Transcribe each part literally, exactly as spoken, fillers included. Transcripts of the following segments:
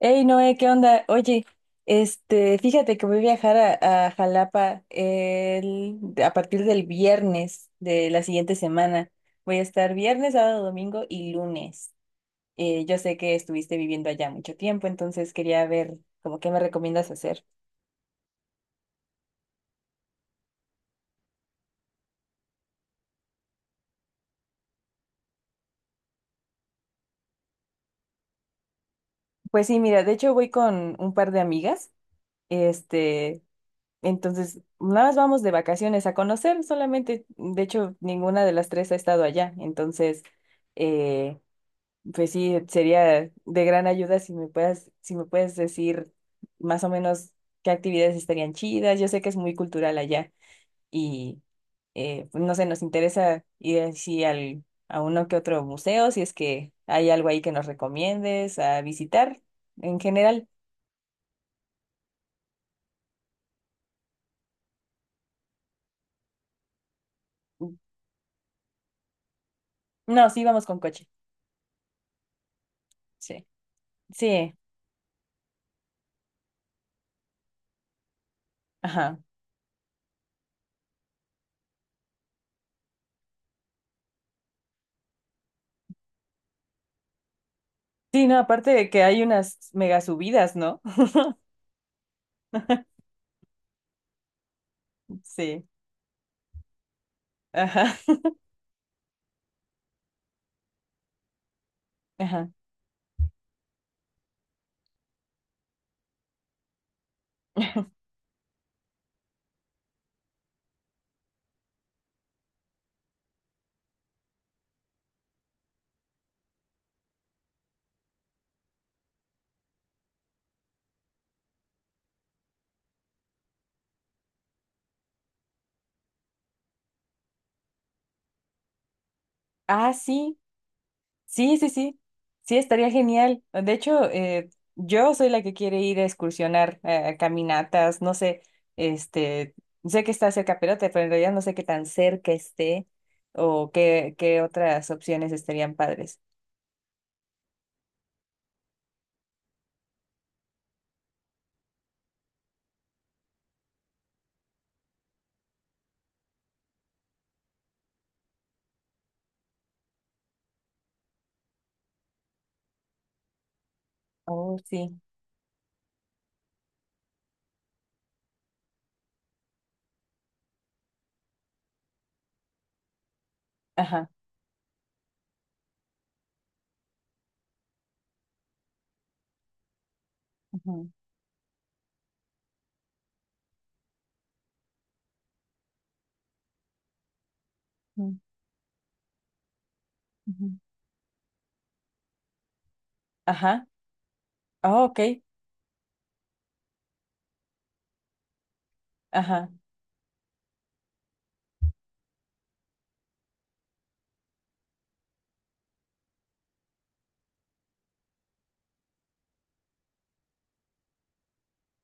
Hey Noé, ¿qué onda? Oye, este, fíjate que voy a viajar a, a Jalapa el- a partir del viernes de la siguiente semana. Voy a estar viernes, sábado, domingo y lunes. Eh, yo sé que estuviste viviendo allá mucho tiempo, entonces quería ver como qué me recomiendas hacer. Pues sí, mira, de hecho voy con un par de amigas. Este, entonces nada más vamos de vacaciones a conocer solamente. De hecho, ninguna de las tres ha estado allá, entonces. eh, Pues sí, sería de gran ayuda si me puedas, si me puedes decir más o menos qué actividades estarían chidas. Yo sé que es muy cultural allá y eh, pues no sé, nos interesa ir así al, a uno que otro museo, si es que hay algo ahí que nos recomiendes a visitar en general. No, sí, vamos con coche. Sí. Sí, ajá. Sí, no, aparte de que hay unas mega subidas, ¿no? Sí. Ajá. Ajá. Ah, sí. Sí, sí, sí, sí, estaría genial. De hecho, eh, yo soy la que quiere ir a excursionar, eh, a caminatas, no sé, este, sé que está cerca Perote, pero en realidad no sé qué tan cerca esté o qué, qué otras opciones estarían padres. Oh, sí, ajá, ujú, ujú, ujú. Ajá, oh, ok, ajá.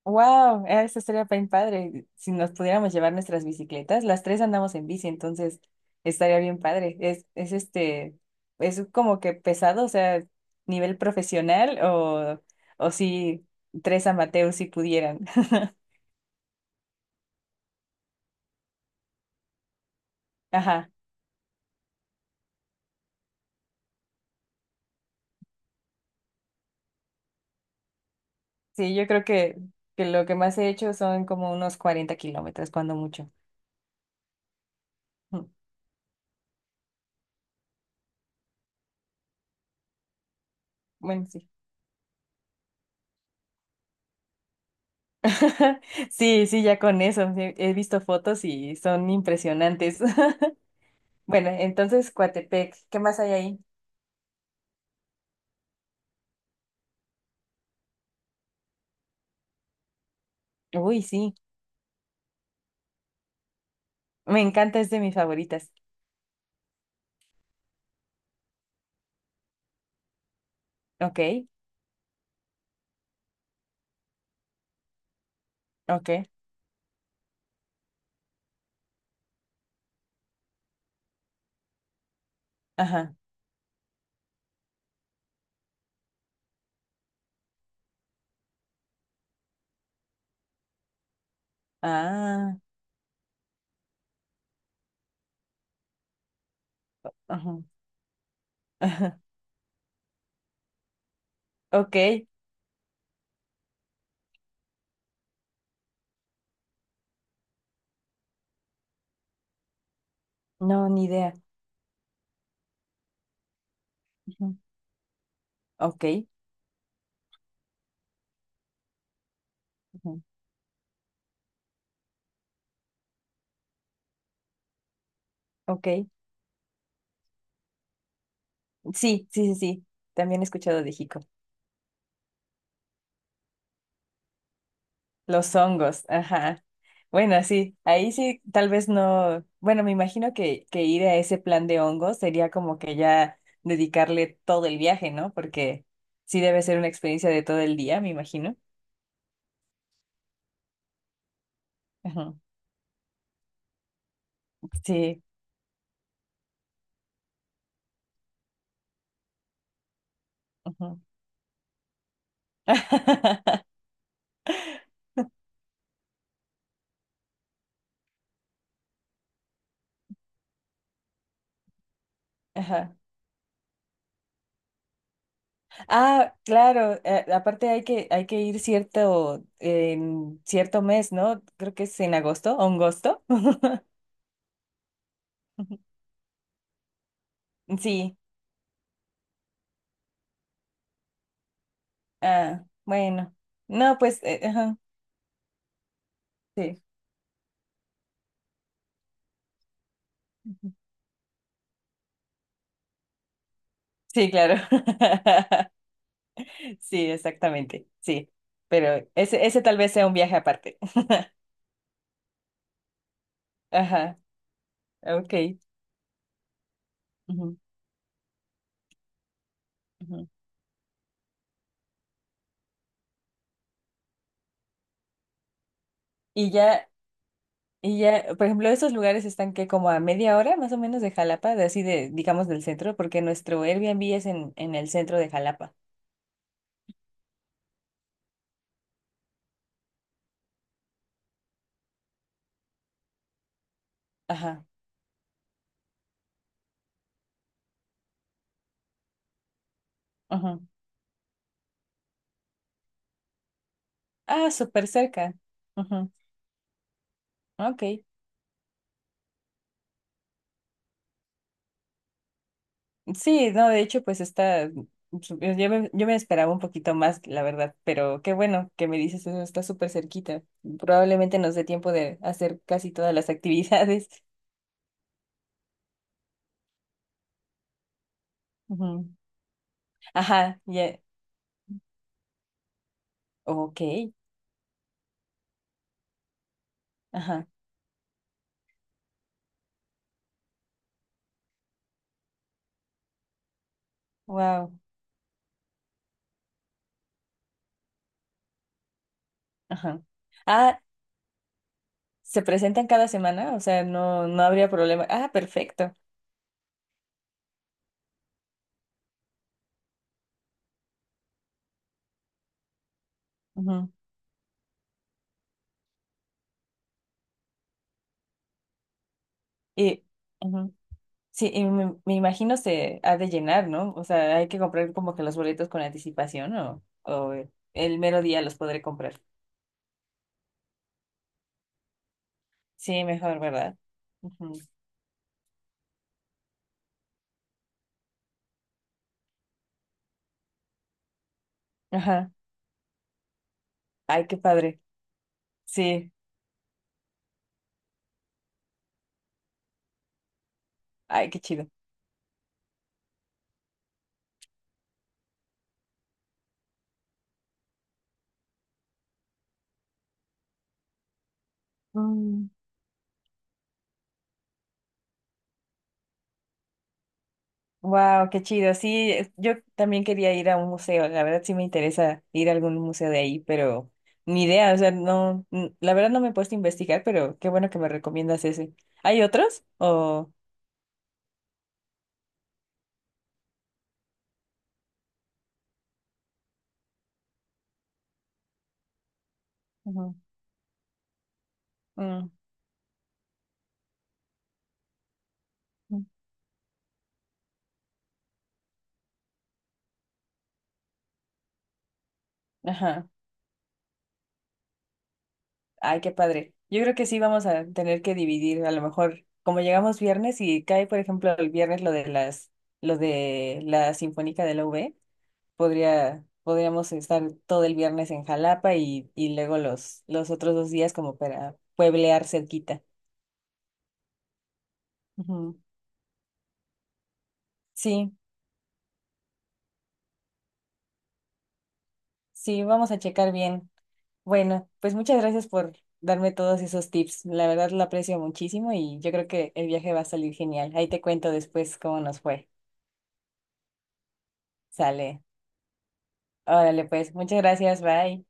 Wow, eso estaría bien padre. Si nos pudiéramos llevar nuestras bicicletas, las tres andamos en bici, entonces estaría bien padre. Es, es este, es como que pesado, o sea, nivel profesional o, o si tres amateurs si pudieran. Ajá. Sí, yo creo que, que lo que más he hecho son como unos cuarenta kilómetros, cuando mucho. Mm, bueno, sí. Sí, sí, ya con eso. He he visto fotos y son impresionantes. Bueno, entonces Coatepec, ¿qué más hay ahí? Uy, sí, me encanta, es de mis favoritas. Ok, ok, ajá, ah, ajá, ajá, ok, no, ni idea. Ujú, ok, ujú, ok, sí, sí, sí, sí, también he escuchado de Jico. Los hongos, ajá. Bueno, sí, ahí sí, tal vez no, bueno, me imagino que, que ir a ese plan de hongos sería como que ya dedicarle todo el viaje, ¿no? Porque sí debe ser una experiencia de todo el día, me imagino. Sí. Ujú. Ajá. Ah, claro, eh, aparte hay que, hay que ir cierto, en cierto mes, ¿no? Creo que es en agosto, agosto. Ujú. Sí, ah, bueno. No, pues, eh, ajá, sí. Ujú. Sí, claro. Sí, exactamente, sí. Pero ese, ese tal vez sea un viaje aparte. Ajá, ok. Ujú, ujú. Y ya Y ya, por ejemplo, esos lugares están que como a media hora más o menos de Jalapa, de así de, digamos, del centro, porque nuestro Airbnb es en, en el centro de Jalapa. Ajá, ajá. Ah, súper cerca. Ajá, ok. Sí, no, de hecho, pues está, yo me, yo me esperaba un poquito más, la verdad, pero qué bueno que me dices eso, está súper cerquita. Probablemente nos dé tiempo de hacer casi todas las actividades. Ujú. Ajá, ya, ok, ajá, wow, ajá. Ah, ¿se presentan cada semana? O sea, no, no habría problema. Ah, perfecto. Ujú. Y, ujú. Sí, y me, me imagino se ha de llenar, ¿no? O sea, hay que comprar como que los boletos con anticipación o, o el mero día los podré comprar. Sí, mejor, ¿verdad? Ujú. Ajá. Ay, qué padre. Sí. Ay, qué chido. Mm. Wow, qué chido. Sí, es- yo también quería ir a un museo. La verdad sí me interesa ir a algún museo de ahí, pero ni idea. O sea, no, n- la verdad no me he puesto a investigar, pero qué bueno que me recomiendas ese. ¿Hay otros? O, ujú. Mm, mm. Ajá. Ay, qué padre. Yo creo que sí vamos a tener que dividir. A lo mejor, como llegamos viernes y cae, por ejemplo, el viernes lo de las, lo de la Sinfónica de la U V. Podría, podríamos estar todo el viernes en Jalapa y, y luego los, los otros dos días como para pueblear cerquita. Ujú. Sí, sí, vamos a checar bien. Bueno, pues muchas gracias por darme todos esos tips. La verdad lo aprecio muchísimo y yo creo que el viaje va a salir genial. Ahí te cuento después cómo nos fue. Sale. Órale, pues, muchas gracias, bye.